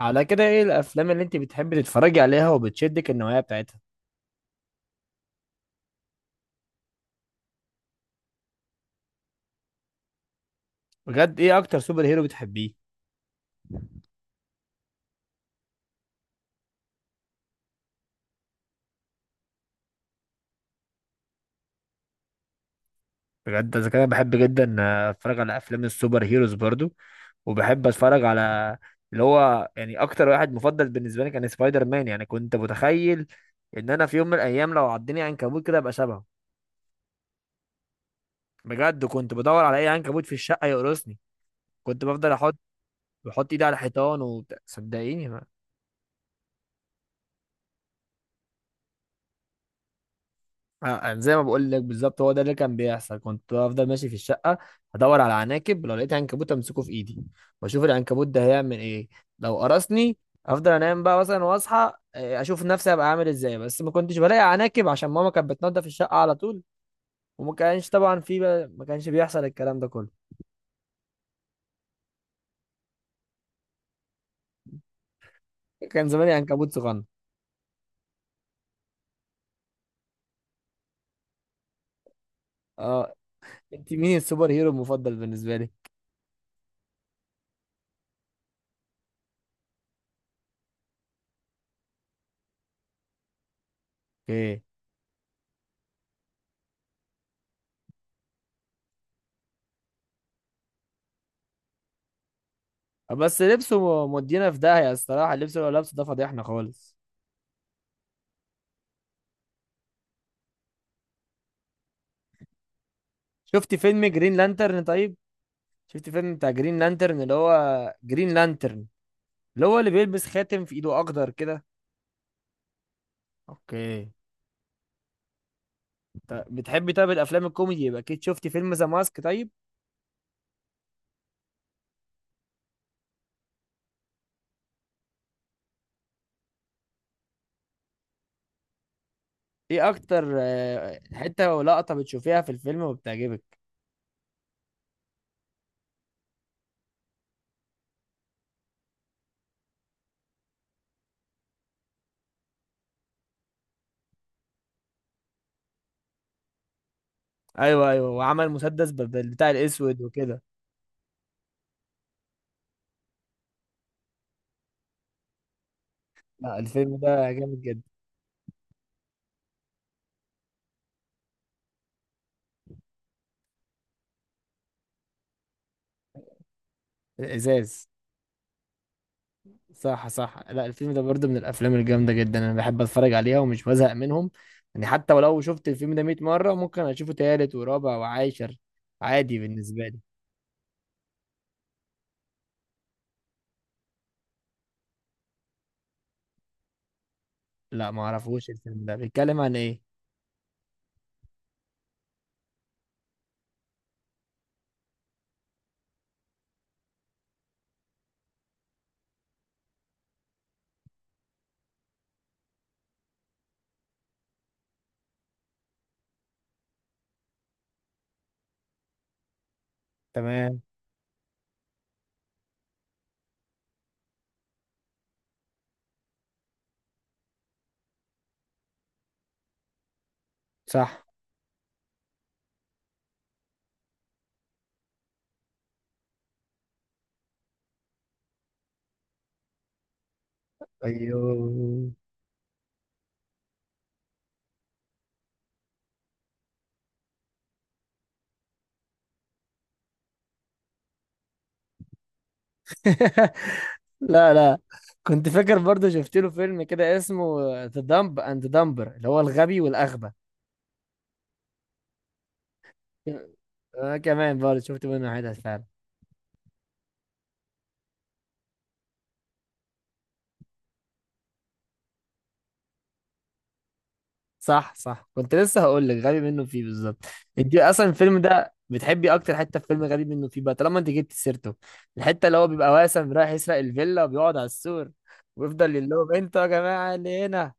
على كده، ايه الافلام اللي انت بتحبي تتفرجي عليها وبتشدك النوعيه بتاعتها؟ بجد ايه اكتر سوبر هيرو بتحبيه؟ بجد اذا كده بحب جدا اتفرج على افلام السوبر هيروز برضو، وبحب اتفرج على اللي هو يعني اكتر واحد مفضل بالنسبه لي كان سبايدر مان. يعني كنت متخيل ان انا في يوم من الايام لو عضني عنكبوت كده ابقى شبهه. بجد كنت بدور على اي عنكبوت في الشقه يقرصني، كنت بفضل احط، بحط ايدي على الحيطان وبتاع، صدقيني. زي ما بقول لك بالظبط، هو ده اللي كان بيحصل. كنت بفضل ماشي في الشقه ادور على عناكب، لو لقيت عنكبوت امسكه في ايدي واشوف العنكبوت ده هيعمل ايه لو قرصني، افضل انام بقى مثلا واصحى، اشوف نفسي هبقى عامل ازاي. بس ما كنتش بلاقي عناكب عشان ماما كانت بتنضف الشقه على طول، وما كانش طبعا في بقى ما كانش بيحصل الكلام ده كله. كان زماني عنكبوت صغنن. اه، انت مين السوبر هيرو المفضل بالنسبه لي؟ ايه بس لبسه، مودينا في داهيه، الصراحه اللبس اللي هو لابسه ده فضيحنا خالص. شفتي فيلم جرين لانترن طيب؟ شفت فيلم بتاع جرين لانترن، اللي هو جرين لانترن، اللي هو اللي بيلبس خاتم في ايده اخضر كده؟ اوكي. بتحبي طيب الافلام الكوميدي؟ يبقى اكيد شفتي فيلم ذا ماسك طيب. ايه اكتر حته ولقطه بتشوفيها في الفيلم وبتعجبك؟ ايوه ايوه، وعمل مسدس بتاع الاسود وكده. لا الفيلم ده جامد جدا. الازاز. صح صح، لا الفيلم ده برضه من الافلام الجامده جدا انا بحب اتفرج عليها ومش بزهق منهم. يعني حتى ولو شفت الفيلم ده 100 مره ممكن اشوفه تالت ورابع وعاشر عادي بالنسبه لي. لا ما اعرفوش الفيلم ده، بيتكلم عن ايه؟ تمام. صح. ايوه. لا لا، كنت فاكر برضه شفت له فيلم كده اسمه ذا دمب اند دمبر اللي هو الغبي والاغبى. انا كمان برضه شفت منه حتت فعلا. صح صح، كنت لسه هقول لك غبي منه فيه بالظبط. انت اصلا الفيلم ده بتحبي اكتر حته في فيلم غبي منه فيه بقى، طالما انت جبت سيرته. الحته اللي هو بيبقى واسم رايح يسرق الفيلا وبيقعد على السور ويفضل يقول لهم انتوا يا جماعه اللي هنا.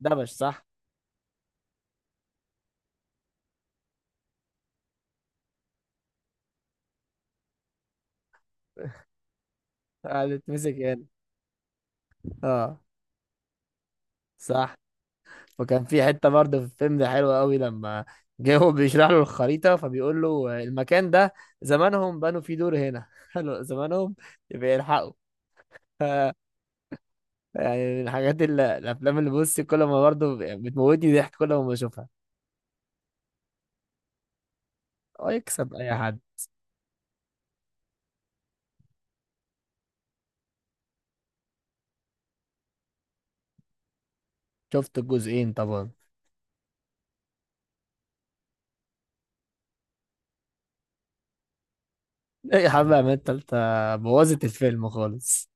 دبش صح. قال اتمسك هنا. اه صح. وكان في حته برضه في الفيلم ده حلوه قوي لما جه هو بيشرح له الخريطه فبيقول له المكان ده زمانهم بنوا فيه دور هنا. حلو زمانهم يبقى يلحقوا. يعني من الحاجات اللي الافلام اللي، بص، كل ما برضه بتموتني ضحك كل ما بشوفها. هو يكسب اي حد. شفت الجزئين طبعا. ايه يا حبيبي يا عماد، التالتة بوظت الفيلم خالص.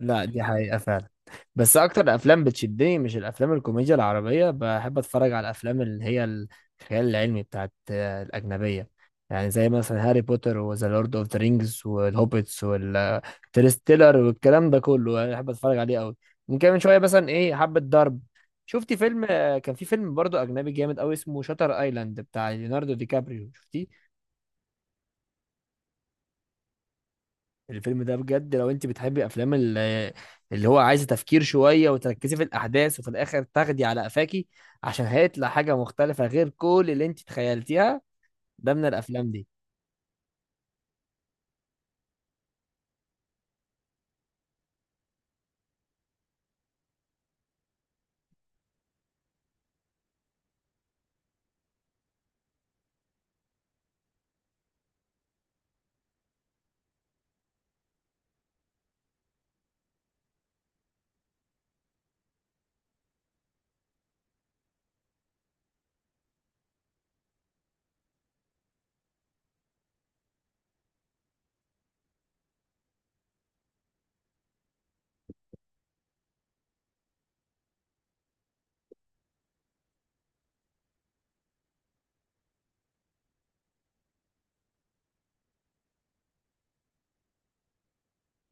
لا دي حقيقة فعلا. بس أكتر أفلام بتشدني، مش الأفلام الكوميديا العربية، بحب أتفرج على الأفلام اللي هي الخيال العلمي بتاعت الأجنبية. يعني زي مثلا هاري بوتر وذا لورد أوف ذا رينجز والهوبيتس والترستيلر والكلام ده كله أنا بحب أتفرج عليه أوي. ممكن من شوية مثلا، إيه، حبة ضرب. شفتي فيلم، كان في فيلم برضه أجنبي جامد أوي اسمه شاتر أيلاند بتاع ليوناردو دي كابريو، شفتيه؟ الفيلم ده بجد لو انت بتحبي افلام اللي هو عايزه تفكير شويه وتركزي في الاحداث وفي الاخر تاخدي على قفاكي، عشان هيطلع حاجه مختلفه غير كل اللي انت تخيلتيها، ده من الافلام دي.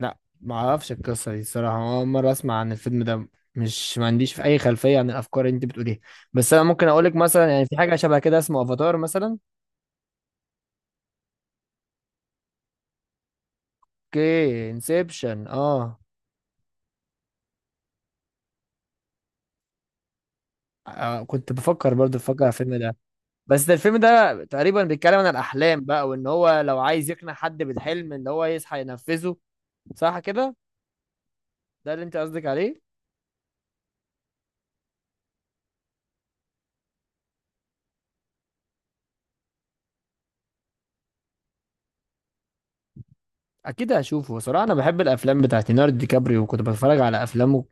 لا ما اعرفش القصه دي الصراحه، اول مره اسمع عن الفيلم ده، مش ما عنديش في اي خلفيه عن الافكار اللي انت بتقوليها. بس انا ممكن اقول لك مثلا يعني في حاجه شبه كده اسمه افاتار مثلا. اوكي انسبشن، اه. كنت بفكر على الفيلم ده. بس ده الفيلم ده تقريبا بيتكلم عن الأحلام بقى، وإن هو لو عايز يقنع حد بالحلم إن هو يصحى ينفذه. صح كده؟ ده اللي أنت قصدك عليه؟ أكيد هشوفه صراحة، أنا بحب الأفلام بتاعت ليوناردو دي كابريو وكنت بتفرج على أفلامه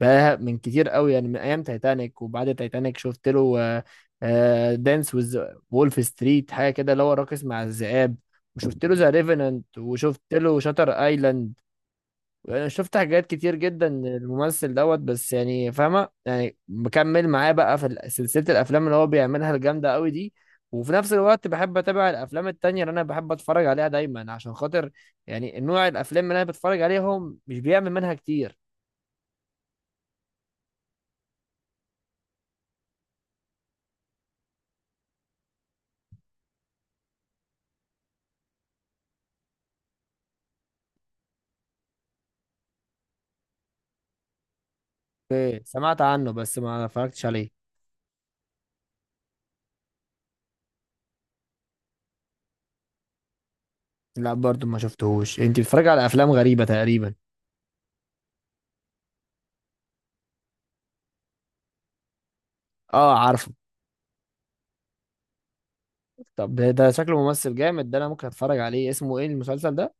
بقى من كتير قوي، يعني من أيام تايتانيك. وبعد تايتانيك شفت له دانس ويز، وولف ستريت، حاجة كده اللي هو راقص مع الذئاب، وشفت له ذا ريفننت، وشفت له شاتر ايلاند. انا شفت حاجات كتير جدا للممثل دوت، بس يعني فاهمه، يعني بكمل معاه بقى في سلسله الافلام اللي هو بيعملها الجامده قوي دي. وفي نفس الوقت بحب اتابع الافلام التانية اللي انا بحب اتفرج عليها دايما عشان خاطر، يعني نوع الافلام اللي انا بتفرج عليهم مش بيعمل منها كتير. إيه، سمعت عنه بس ما اتفرجتش عليه. لا برضو ما شفتهوش، انت بتتفرج على افلام غريبه تقريبا. اه عارفه. طب ده شكله ممثل جامد، ده انا ممكن اتفرج عليه، اسمه ايه المسلسل ده؟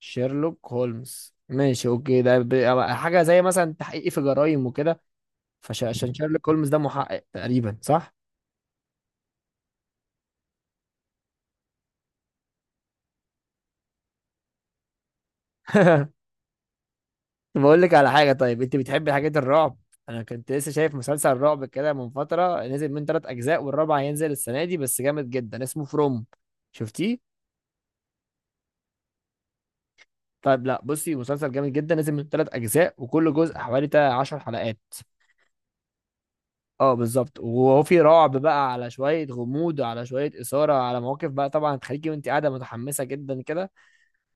شيرلوك هولمز، ماشي اوكي، ده حاجة زي مثلا تحقيق في جرائم وكده، فعشان شيرلوك هولمز ده محقق تقريبا صح؟ بقول لك على حاجة، طيب انت بتحبي حاجات الرعب؟ انا كنت لسه شايف مسلسل رعب كده من فترة، نزل من 3 اجزاء هينزل السنة دي، بس جامد جدا اسمه فروم، شفتيه؟ طيب لا بصي، مسلسل جامد جدا نزل من 3 اجزاء حوالي 10 حلقات. اه بالظبط، وهو في رعب بقى على شويه غموض على شويه اثاره على مواقف بقى طبعا تخليكي وانت قاعده متحمسه جدا كده.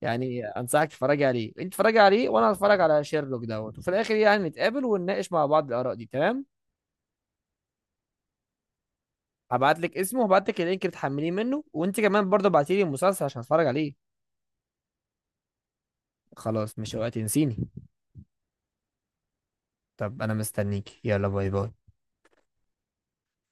يعني انصحك تتفرجي عليه، انت تتفرجي عليه وانا هتفرج على شيرلوك دوت، وفي الاخر يعني نتقابل ونناقش مع بعض الاراء دي، تمام؟ هبعت لك اسمه وهبعت لك اللينك اللي تحمليه منه، وانت كمان برضه ابعتي لي المسلسل عشان اتفرج عليه. خلاص، مش وقت تنسيني. طب انا مستنيك، يلا باي باي.